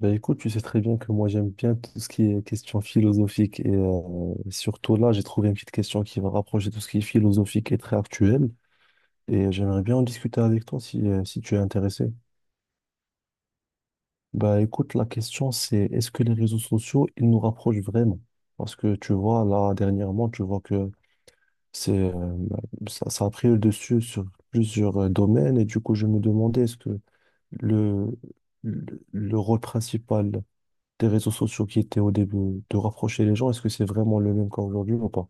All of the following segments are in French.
Ben écoute, tu sais très bien que moi j'aime bien tout ce qui est question philosophique et surtout là j'ai trouvé une petite question qui va rapprocher tout ce qui est philosophique et très actuel et j'aimerais bien en discuter avec toi si tu es intéressé. Ben écoute, la question c'est est-ce que les réseaux sociaux ils nous rapprochent vraiment? Parce que tu vois là dernièrement tu vois que c'est ça a pris le dessus sur plusieurs domaines et du coup je me demandais est-ce que le, le rôle principal des réseaux sociaux qui étaient au début, de rapprocher les gens, est-ce que c'est vraiment le même qu'aujourd'hui ou pas?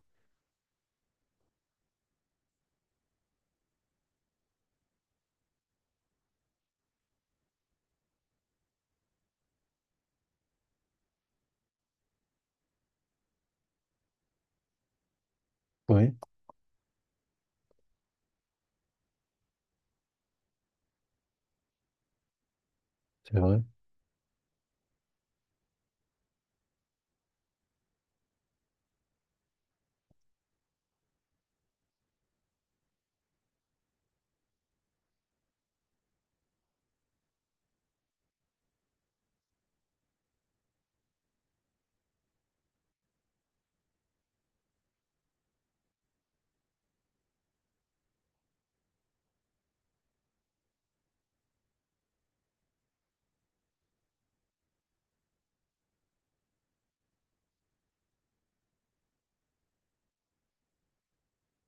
Oui, c'est vrai.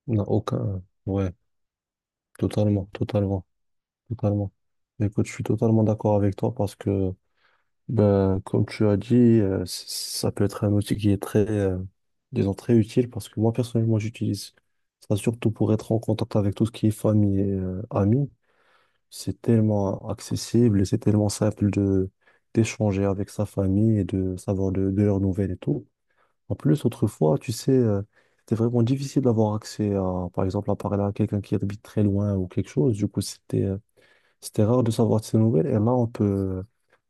Non, aucun. Ouais, totalement, totalement, totalement. Écoute, je suis totalement d'accord avec toi parce que, ben, comme tu as dit, ça peut être un outil qui est disons, très utile parce que moi, personnellement, j'utilise ça surtout pour être en contact avec tout ce qui est famille et amis. C'est tellement accessible et c'est tellement simple de d'échanger avec sa famille et de savoir de leurs nouvelles et tout. En plus, autrefois, tu sais, c'était vraiment difficile d'avoir accès à, par exemple, à parler à quelqu'un qui habite très loin ou quelque chose. Du coup, c'était rare de savoir de ses nouvelles. Et là,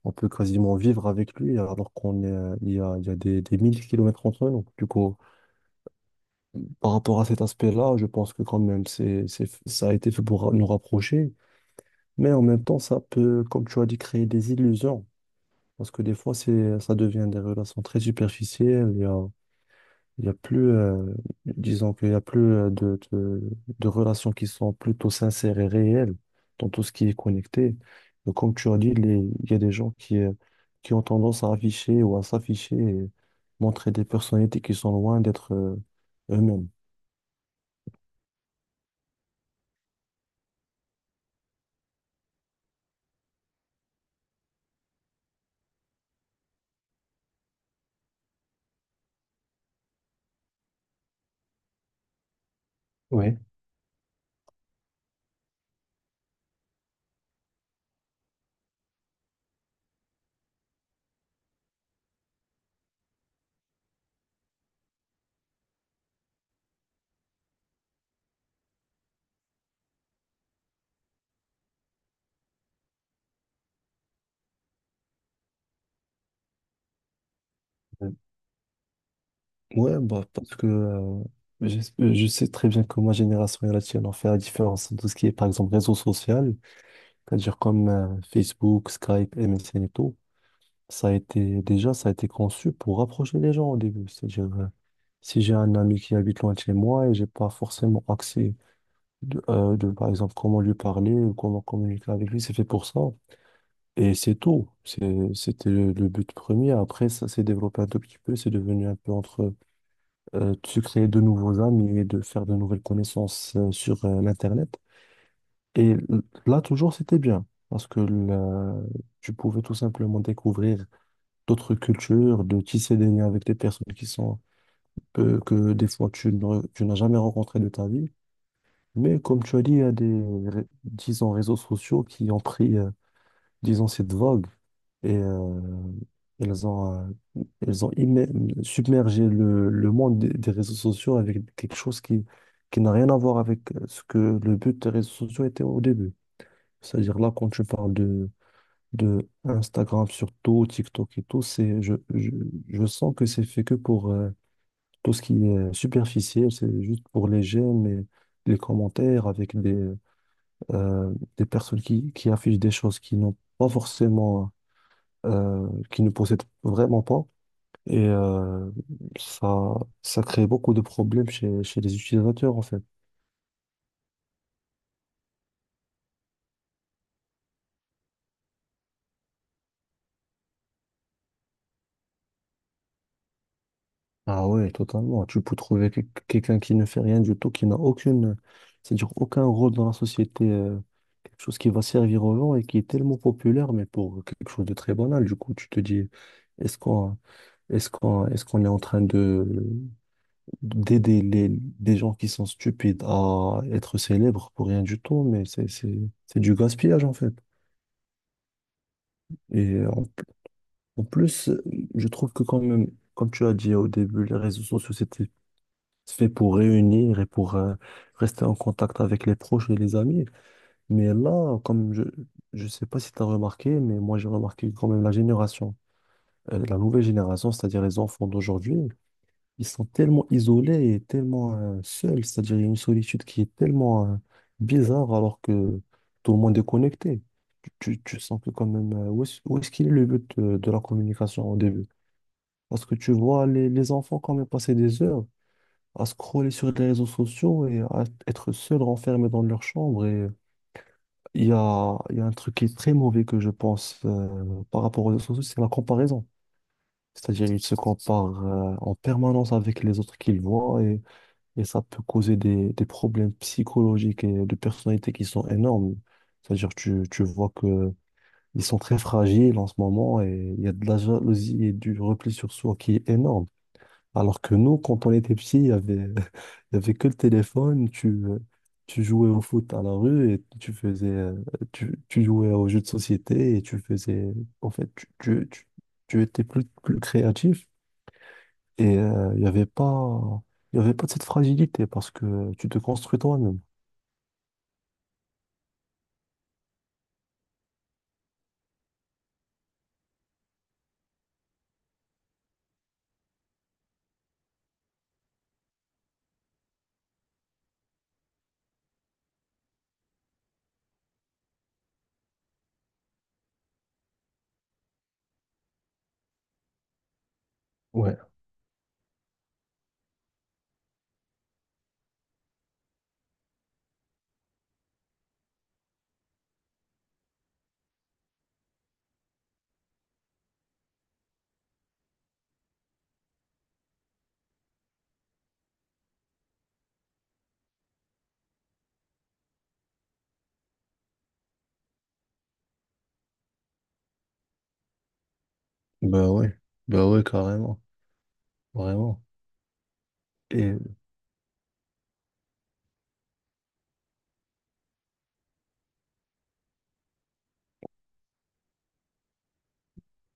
on peut quasiment vivre avec lui alors qu'on est, il y a des mille kilomètres entre nous. Du coup, par rapport à cet aspect-là, je pense que quand même, ça a été fait pour nous rapprocher. Mais en même temps, ça peut, comme tu as dit, créer des illusions. Parce que des fois, ça devient des relations très superficielles. Il y a disons qu'il y a plus de relations qui sont plutôt sincères et réelles dans tout ce qui est connecté. Et comme tu as dit, il y a des gens qui ont tendance à afficher ou à s'afficher et montrer des personnalités qui sont loin d'être eux-mêmes. Oui. Euh, ouais, bah, parce que je, je sais très bien que ma génération et la tienne ont fait la différence dans tout ce qui est, par exemple, réseau social, c'est-à-dire comme Facebook, Skype, MSN et tout. Ça a été, déjà, ça a été conçu pour rapprocher les gens au début. C'est-à-dire, si j'ai un ami qui habite loin de chez moi et j'ai pas forcément accès par exemple, comment lui parler ou comment communiquer avec lui, c'est fait pour ça. Et c'est tout. C'était le but premier. Après, ça s'est développé un tout petit peu. C'est devenu un peu entre de se créer de nouveaux amis et de faire de nouvelles connaissances sur l'Internet. Et l- Là, toujours, c'était bien. Parce que là, tu pouvais tout simplement découvrir d'autres cultures, de tisser des liens avec des personnes qui sont peu, que des fois tu n'as jamais rencontré de ta vie. Mais comme tu as dit, il y a des, ré- disons, réseaux sociaux qui ont pris, disons, cette vogue et ils ont, euh, ils ont immé- submergé le monde des réseaux sociaux avec quelque chose qui n'a rien à voir avec ce que le but des réseaux sociaux était au début. C'est-à-dire là, quand tu parles de Instagram surtout, TikTok et tout, je sens que c'est fait que pour tout ce qui est superficiel, c'est juste pour les j'aime et les commentaires avec des personnes qui affichent des choses qui n'ont pas qui ne possèdent vraiment pas. Et ça, ça crée beaucoup de problèmes chez les utilisateurs en fait. Ah ouais, totalement. Tu peux trouver que- Quelqu'un qui ne fait rien du tout, qui n'a aucune, c'est-à-dire aucun rôle dans la société, quelque chose qui va servir aux gens et qui est tellement populaire, mais pour quelque chose de très banal. Du coup, tu te dis, est-ce qu'on, est-ce qu'on est en train de d'aider des gens qui sont stupides à être célèbres pour rien du tout, mais c'est du gaspillage, en fait. Et en plus, je trouve que quand même, comme tu as dit au début, les réseaux sociaux, c'était fait pour réunir et pour rester en contact avec les proches et les amis. Mais là, comme je sais pas si tu as remarqué, mais moi j'ai remarqué quand même la nouvelle génération, c'est-à-dire les enfants d'aujourd'hui, ils sont tellement isolés et tellement seuls, c'est-à-dire il y a une solitude qui est tellement bizarre alors que tout le monde est connecté. Tu sens que quand même, où est-ce qu'il est le but de la communication au début? Parce que tu vois les enfants quand même passer des heures à scroller sur les réseaux sociaux et à être seul renfermé dans leur chambre. Et il y a un truc qui est très mauvais que je pense par rapport aux réseaux sociaux, c'est la comparaison. C'est-à-dire ils se comparent en permanence avec les autres qu'ils voient, et ça peut causer des problèmes psychologiques et de personnalité qui sont énormes. C'est-à-dire tu vois que ils sont très fragiles en ce moment et il y a de la jalousie et du repli sur soi qui est énorme. Alors que nous, quand on était petits, il y avait, il y avait que le téléphone, tu jouais au foot à la rue et tu jouais aux jeux de société et tu faisais, en fait, tu étais plus créatif et il y avait pas de cette fragilité parce que tu te construis toi-même. Ouais, bah ouais, bah ouais, carrément, vraiment.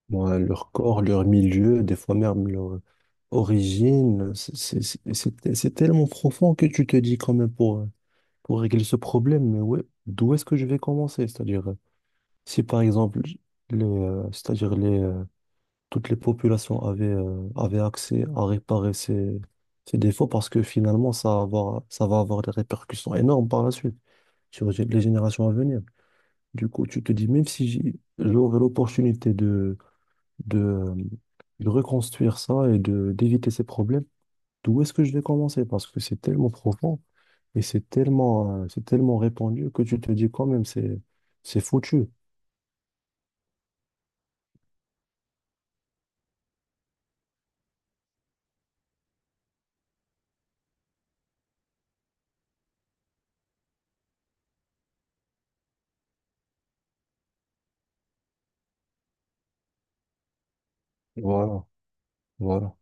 Bon, leur corps, leur milieu, des fois même leur origine, c'est tellement profond que tu te dis quand même pour régler ce problème, mais ouais, d'où est-ce que je vais commencer? C'est-à-dire, si par exemple, c'est-à-dire toutes les populations avaient accès à réparer ces défauts, parce que finalement, ça va avoir des répercussions énormes par la suite sur les générations à venir. Du coup, tu te dis, même si j'ai- j'aurais l'opportunité de, de reconstruire ça et de d'éviter ces problèmes, d'où est-ce que je vais commencer? Parce que c'est tellement profond et c'est c'est tellement répandu que tu te dis quand même, c'est foutu. Voilà, voilà.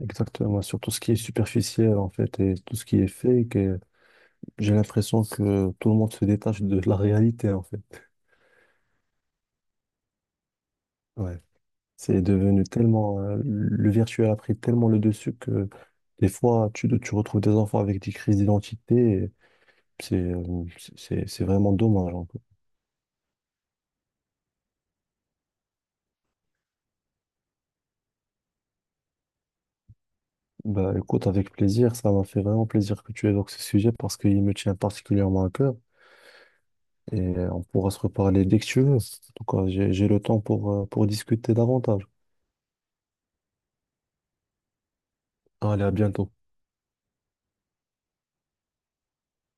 Exactement. Sur tout ce qui est superficiel, en fait, et tout ce qui est fake. Et j'ai l'impression que tout le monde se détache de la réalité, en fait. Ouais. C'est devenu le virtuel a pris tellement le dessus que des fois, tu retrouves des enfants avec des crises d'identité. Et c'est vraiment dommage, en fait. Bah, écoute, avec plaisir, ça m'a fait vraiment plaisir que tu évoques ce sujet parce qu'il me tient particulièrement à cœur et on pourra se reparler dès que tu veux. En tout cas, j'ai le temps pour discuter davantage. Allez, à bientôt.